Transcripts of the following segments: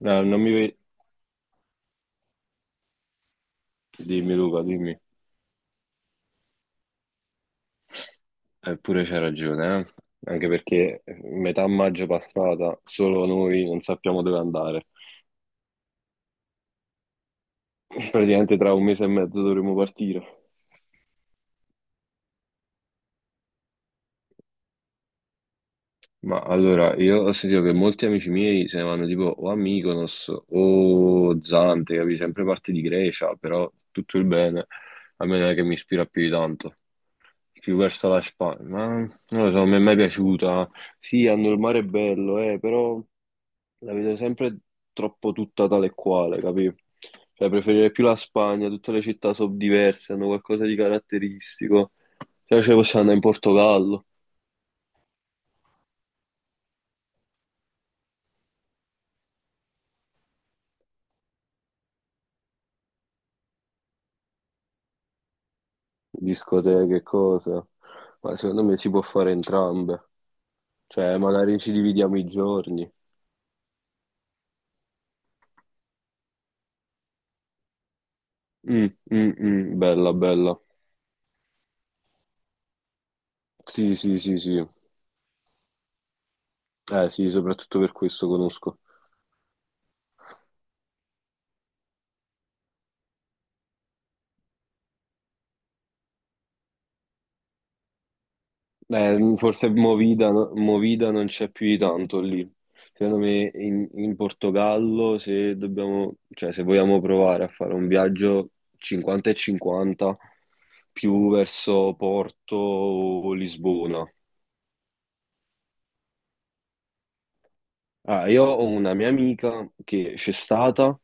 No, non mi... ve- Dimmi Luca, dimmi. Eppure c'hai ragione, eh? Anche perché metà maggio passata solo noi non sappiamo dove andare. Praticamente tra un mese e mezzo dovremo partire. Ma allora, io ho sentito che molti amici miei se ne vanno tipo o a Mykonos o Zante, capi? Sempre parti di Grecia, però tutto il bene, a me non è che mi ispira più di tanto. Più verso la Spagna, ma non lo so, mi è mai piaciuta. Sì, hanno il mare bello, però la vedo sempre troppo tutta tale e quale, capi? Cioè, preferirei più la Spagna, tutte le città sono diverse, hanno qualcosa di caratteristico. Se no, ce ne possiamo andare in Portogallo. Discoteche, e cosa? Ma secondo me si può fare entrambe. Cioè, magari ci dividiamo i giorni. Mm, mm, mm, bella, bella. Sì, sì, sì, sì. Sì, soprattutto per questo conosco. Forse Movida, no- Movida non c'è più di tanto lì. Secondo me in Portogallo, se dobbiamo, cioè, se vogliamo provare a fare un viaggio 50 e 50, più verso Porto o Lisbona. Ah, io ho una mia amica che c'è stata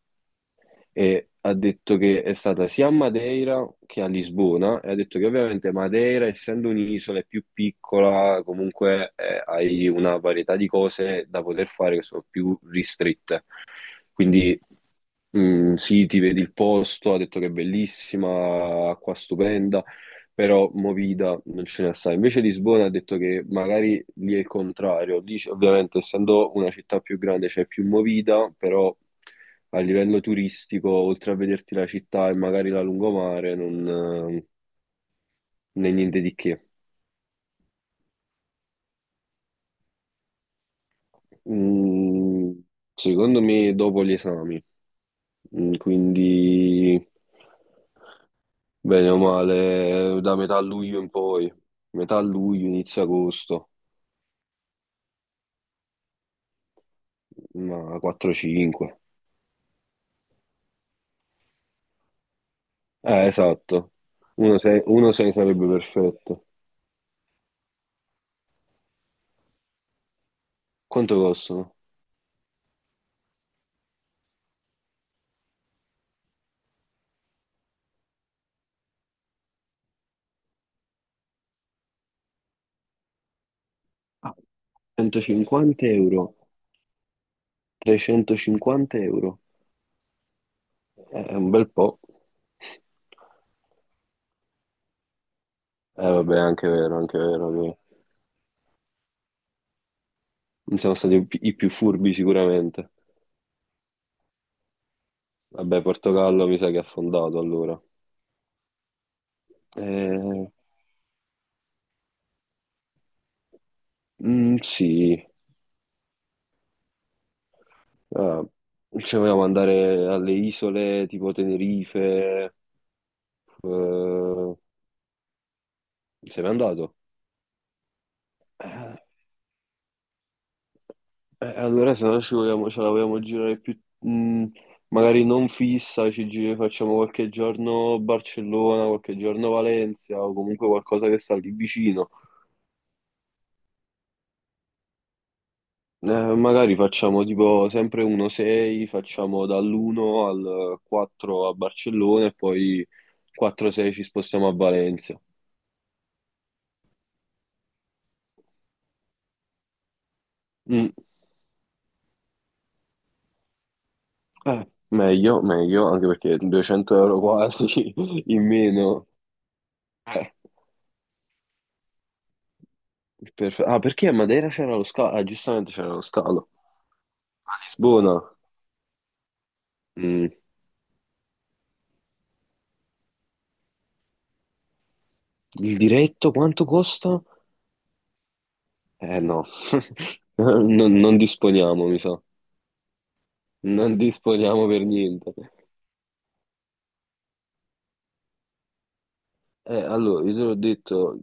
e ha detto che è stata sia a Madeira che a Lisbona e ha detto che ovviamente Madeira, essendo un'isola, è più piccola, comunque hai una varietà di cose da poter fare che sono più ristrette. Quindi sì, ti vedi il posto, ha detto che è bellissima, acqua stupenda, però movida non ce n'è assai. Invece Lisbona ha detto che magari lì è il contrario. Lì, c- ovviamente, essendo una città più grande, c'è più movida, però a livello turistico, oltre a vederti la città e magari la lungomare, non, eh, non è niente di che. Mm, secondo me dopo gli esami, Mm, quindi... Bene o male, da metà luglio in poi, metà luglio, inizio agosto, ma 4-5. Esatto, 1-6 sarebbe perfetto. Quanto costano? Ah, 150 euro, 350 euro. È un bel po'. Vabbè, è anche vero che non siamo stati i pi- i più furbi sicuramente. Vabbè, Portogallo mi sa che ha affondato allora. Eh, sì. Eh, ci volevamo andare alle isole tipo Tenerife. eh, Se n'è andato. Eh, eh, allora, se no ci vogliamo, ce la vogliamo girare più, magari non fissa, ci giri- facciamo qualche giorno Barcellona, qualche giorno Valencia o comunque qualcosa che sta lì vicino. Magari facciamo tipo sempre 1-6, facciamo dall'1 al 4 a Barcellona e poi 4-6 ci spostiamo a Valencia. Mm. Meglio, meglio, anche perché 200 € quasi in meno. Eh, per- Ah, perché a Madeira c'era lo scalo? Ah, giustamente c'era lo scalo. A Lisbona, mm, il diretto quanto costa? Eh no, non disponiamo, mi sa. Non disponiamo per niente. Allora, io te l'ho detto...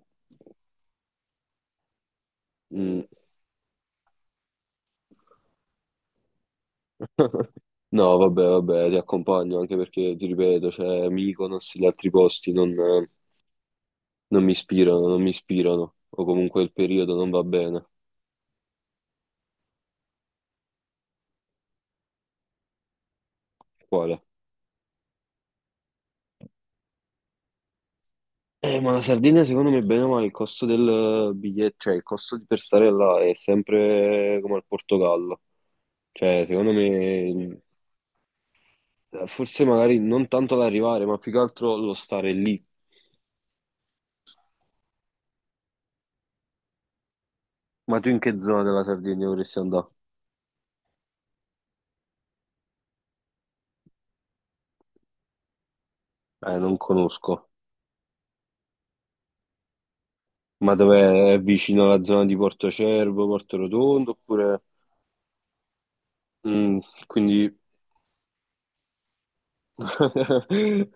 mm, No, vabbè, vabbè, ti accompagno anche perché, ti ripeto, c'è Mykonos e gli altri posti, non, non mi ispirano, non mi ispirano, o comunque il periodo non va bene. Quale? Ma la Sardegna secondo me bene o male il costo del biglietto, cioè il costo di per stare là è sempre come al Portogallo. Cioè, secondo me forse magari non tanto l'arrivare, ma più che altro lo stare lì. Ma tu in che zona della Sardegna vorresti andare? Non conosco. Ma dov'è? È vicino alla zona di Porto Cervo, Porto Rotondo, oppure... Mm, quindi...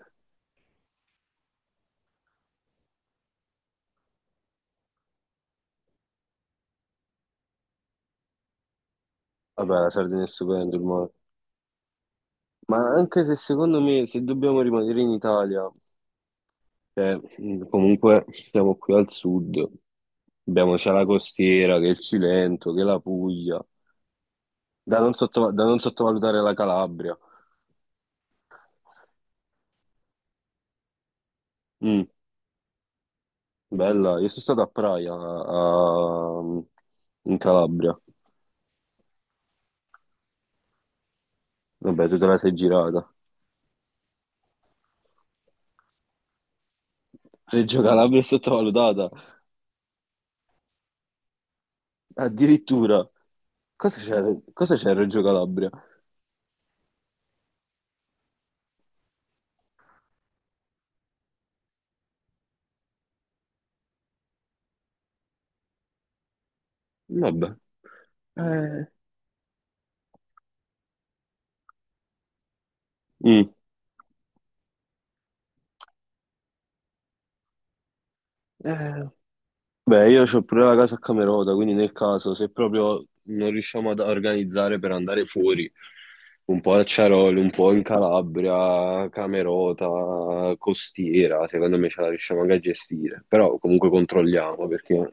Vabbè, la Sardegna è stupendo il mare. Ma anche se secondo me, se dobbiamo rimanere in Italia, cioè, comunque siamo qui al sud, abbiamo sia la costiera che il Cilento, che la Puglia, da non, sotto- da non sottovalutare la Calabria. Mm, bella, io sono stato a Praia, a- in Calabria. Vabbè, tu te la sei girata. Reggio Calabria è sottovalutata, addirittura. Cosa c'è a Reggio Calabria? Vabbè. Eh. Mm. Eh, beh, io ho pure la casa a Camerota, quindi nel caso, se proprio non riusciamo ad organizzare per andare fuori, un po' a Ciaroli, un po' in Calabria, Camerota, Costiera, secondo me ce la riusciamo anche a gestire. Però comunque controlliamo, perché...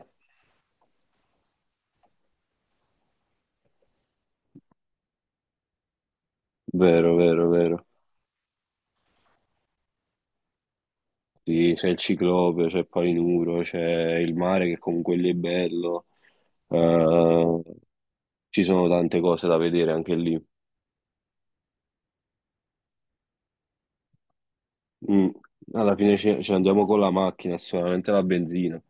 Vero, vero, vero. Sì, c'è il ciclope, c'è Palinuro, c'è il mare che comunque lì è bello. Eh, ci sono tante cose da vedere anche lì. Mm. Alla fine ci, ci andiamo con la macchina, sicuramente la benzina.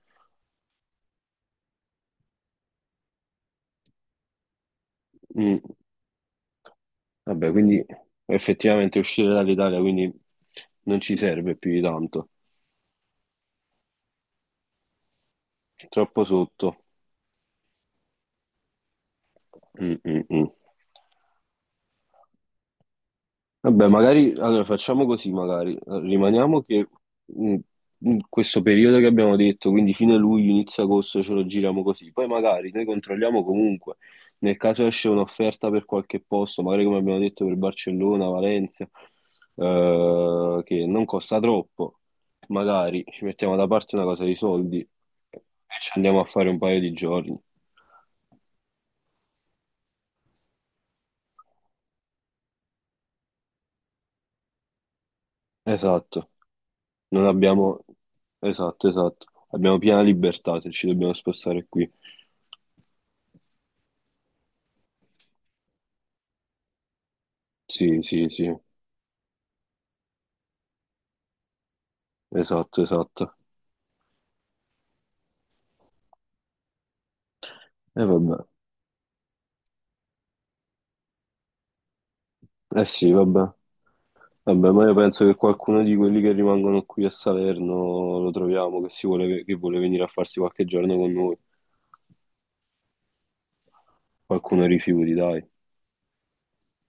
Mm. Vabbè, quindi effettivamente uscire dall'Italia quindi non ci serve più di tanto. Troppo sotto. Mm, mm, mm. Vabbè, magari allora facciamo così, magari eh, rimaniamo che mh, in questo periodo che abbiamo detto, quindi fine luglio, inizio agosto ce lo giriamo così. Poi magari noi controlliamo comunque, nel caso esce un'offerta per qualche posto, magari come abbiamo detto per Barcellona, Valencia, che non costa troppo, magari ci mettiamo da parte una cosa di soldi e ci andiamo a fare un paio di giorni. Esatto. Non abbiamo... Esatto, esatto. Abbiamo piena libertà se ci dobbiamo spostare qui. Sì, sì, sì. Esatto, esatto. E vabbè. Eh sì, vabbè. Vabbè, ma io penso che qualcuno di quelli che rimangono qui a Salerno lo troviamo, che, si vuole, che vuole venire a farsi qualche giorno con noi. Qualcuno rifiuti, dai.